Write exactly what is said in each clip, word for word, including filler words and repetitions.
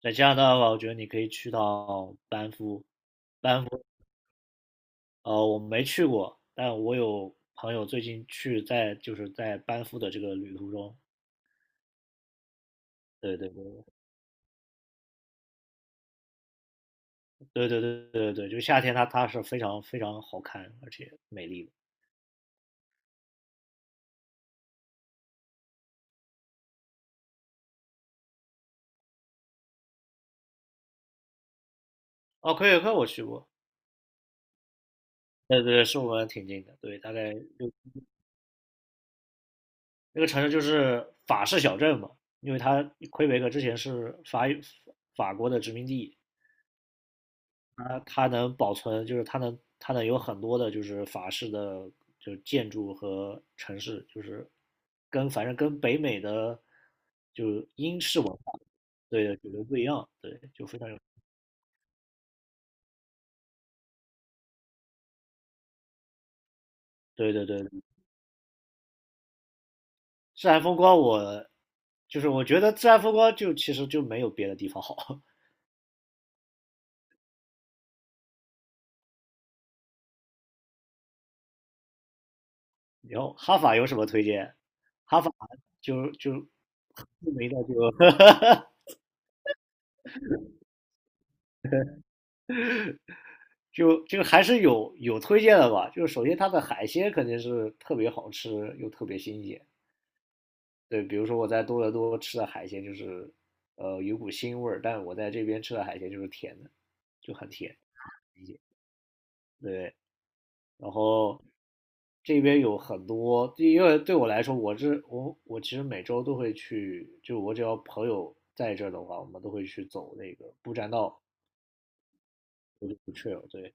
在加拿大的话，我觉得你可以去到班夫。班夫，呃，我没去过，但我有朋友最近去在就是在班夫的这个旅途中。对对对对对对对对就夏天它它是非常非常好看而且美丽的。哦，魁北克我去过。对对对，是我们挺近的，对，大概就那个城市就是法式小镇嘛。因为它魁北克之前是法法国的殖民地。它它能保存，就是它能它能有很多的，就是法式的就是建筑和城市，就是跟反正跟北美的就是英式文化对的主流不一样。对，就非常有。对对对。自然风光我就是我觉得自然风光就其实就没有别的地方好。然后哈法有什么推荐？哈法就就著名的就 哈哈就就还是有有推荐的吧。就是首先它的海鲜肯定是特别好吃又特别新鲜。对，比如说我在多伦多吃的海鲜就是呃有股腥味儿，但我在这边吃的海鲜就是甜的，就很甜。对，然后这边有很多，因为对我来说，我这我我其实每周都会去，就我只要朋友在这儿的话，我们都会去走那个步栈道 trail。对，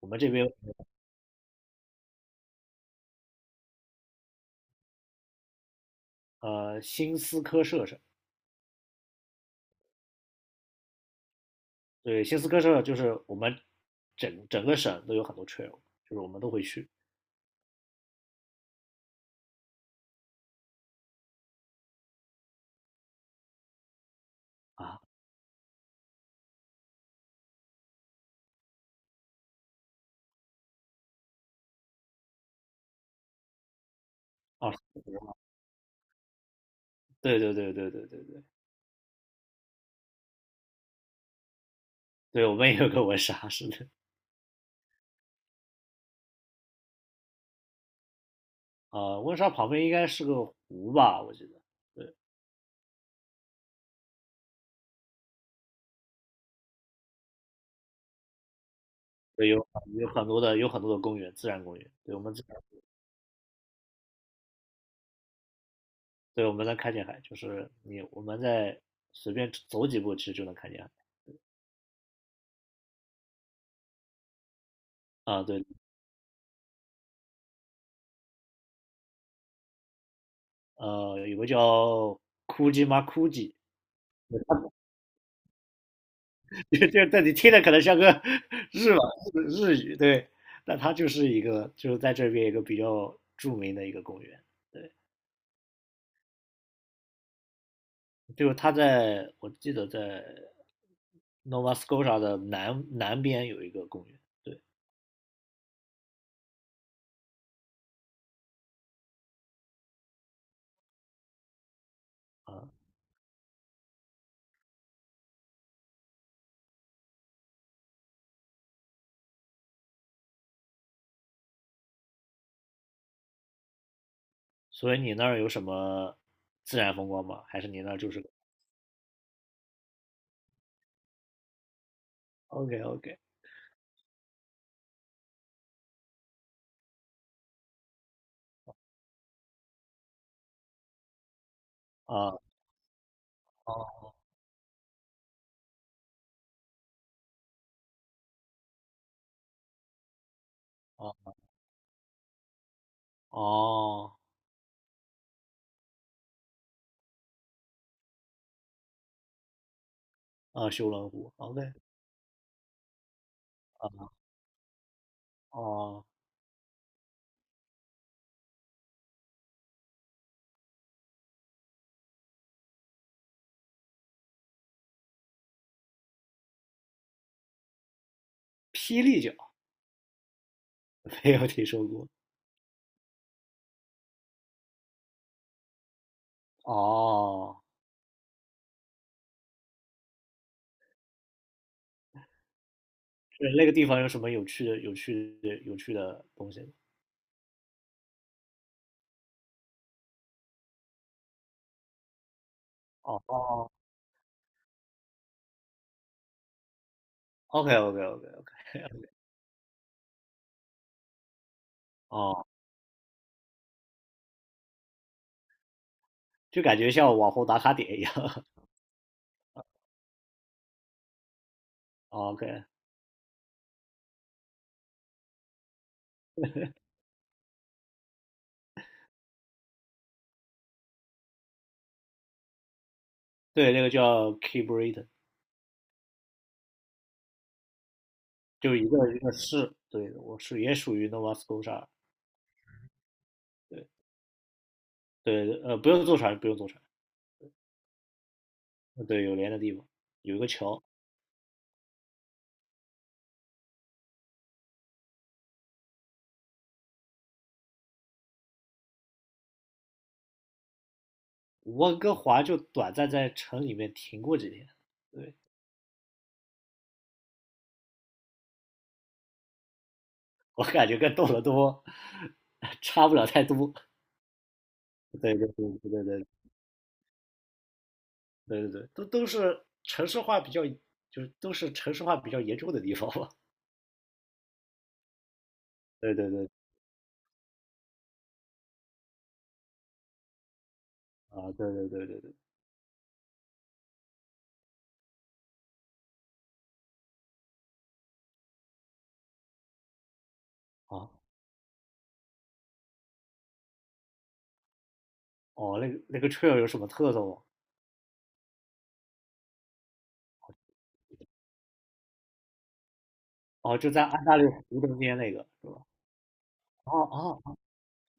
我们这边呃新斯科舍。对，新斯科舍就是我们整整个省都有很多 trail，就是我们都会去。啊。哦，对对对对对对对，对我们也有个温莎，是的。啊，温莎旁边应该是个湖吧，我记得。对对，有有很多的有很多的公园，自然公园。对我们自，对我们能看见海，就是你我们在随便走几步，其实就能看见海。啊，对，呃，有个叫库吉马库吉。就但你听着可能像个 日吧日日语。对，那它就是一个就是在这边一个比较著名的一个公园。对，就是它在我记得在 Nova Scotia 的南南边有一个公园。对啊。所以你那儿有什么自然风光吗？还是你那儿就是 OK OK 啊哦哦哦啊修伦湖 OK 啊哦霹雳角 没有听说过。哦，就是那个地方有什么有趣的、有趣的、有趣的东西吗？哦哦，OK OK OK OK。哦，就感觉像网红打卡点一样。哦 OK。对，那个叫 k e y b r i t a i n。 就是一个一个市，对，我是也属于 Nova Scotia。对对，呃，不用坐船，不用坐船。呃对，有连的地方，有一个桥。温哥华就短暂在城里面停过几天。对，我感觉跟多伦多 差不了太多。对对对对对对对对对，都都是城市化比较，就是都是城市化比较严重的地方吧。对对对。啊，对对对对对，啊，哦，那个那个 trail 有什么特色吗？哦，就在安大略湖中间那个是吧？哦哦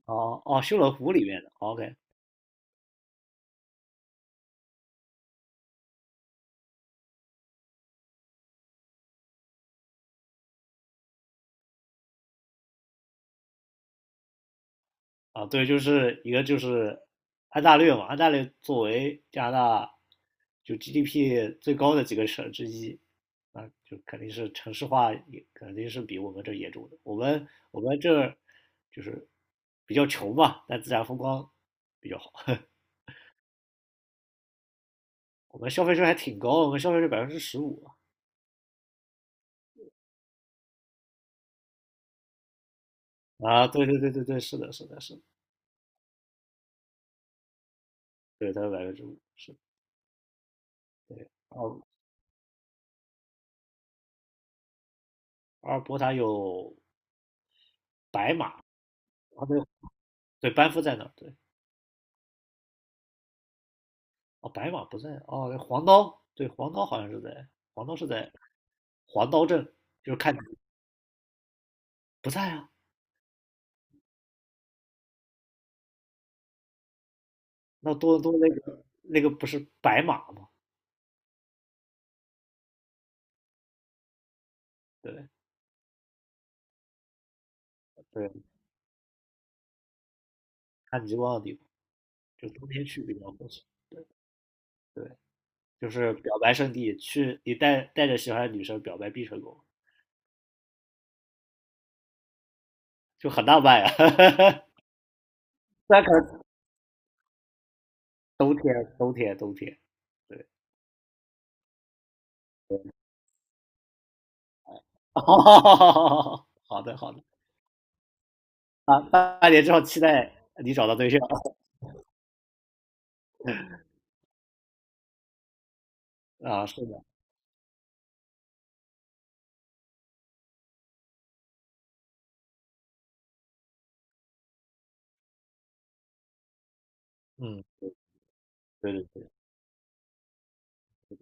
哦哦，修罗湖里面的，OK，啊，对，就是一个就是安大略嘛，安大略作为加拿大就 G D P 最高的几个省之一，啊，就肯定是城市化也肯定是比我们这严重的。我们我们这儿就是比较穷嘛，但自然风光比较好。我们消费税还挺高，我们消费税百分之十五啊，啊对对对对对，是的，是的，是的。对，它是百分之五。是对。阿尔阿尔伯塔有白马。啊对对，班夫在那儿，对。哦，白马不在。哦，黄刀。对，黄刀好像是在，黄刀是在黄刀镇。就是看你不在啊。那多伦多那个那个不是白马吗？对对，看极光的地方，就冬天去比较合适。对，就是表白圣地，去你带带着喜欢的女生表白必成功，就很浪漫啊。虽然可能冬天，冬天，冬天。对。哦，好的好的。啊，半那年之后期待你找到对象。 啊，是的。嗯，对对对。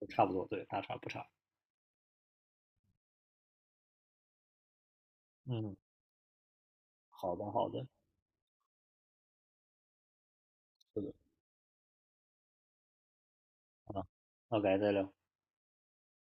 差不多，对，大差不差。嗯，好的，好的。是的。啊，那改天再聊。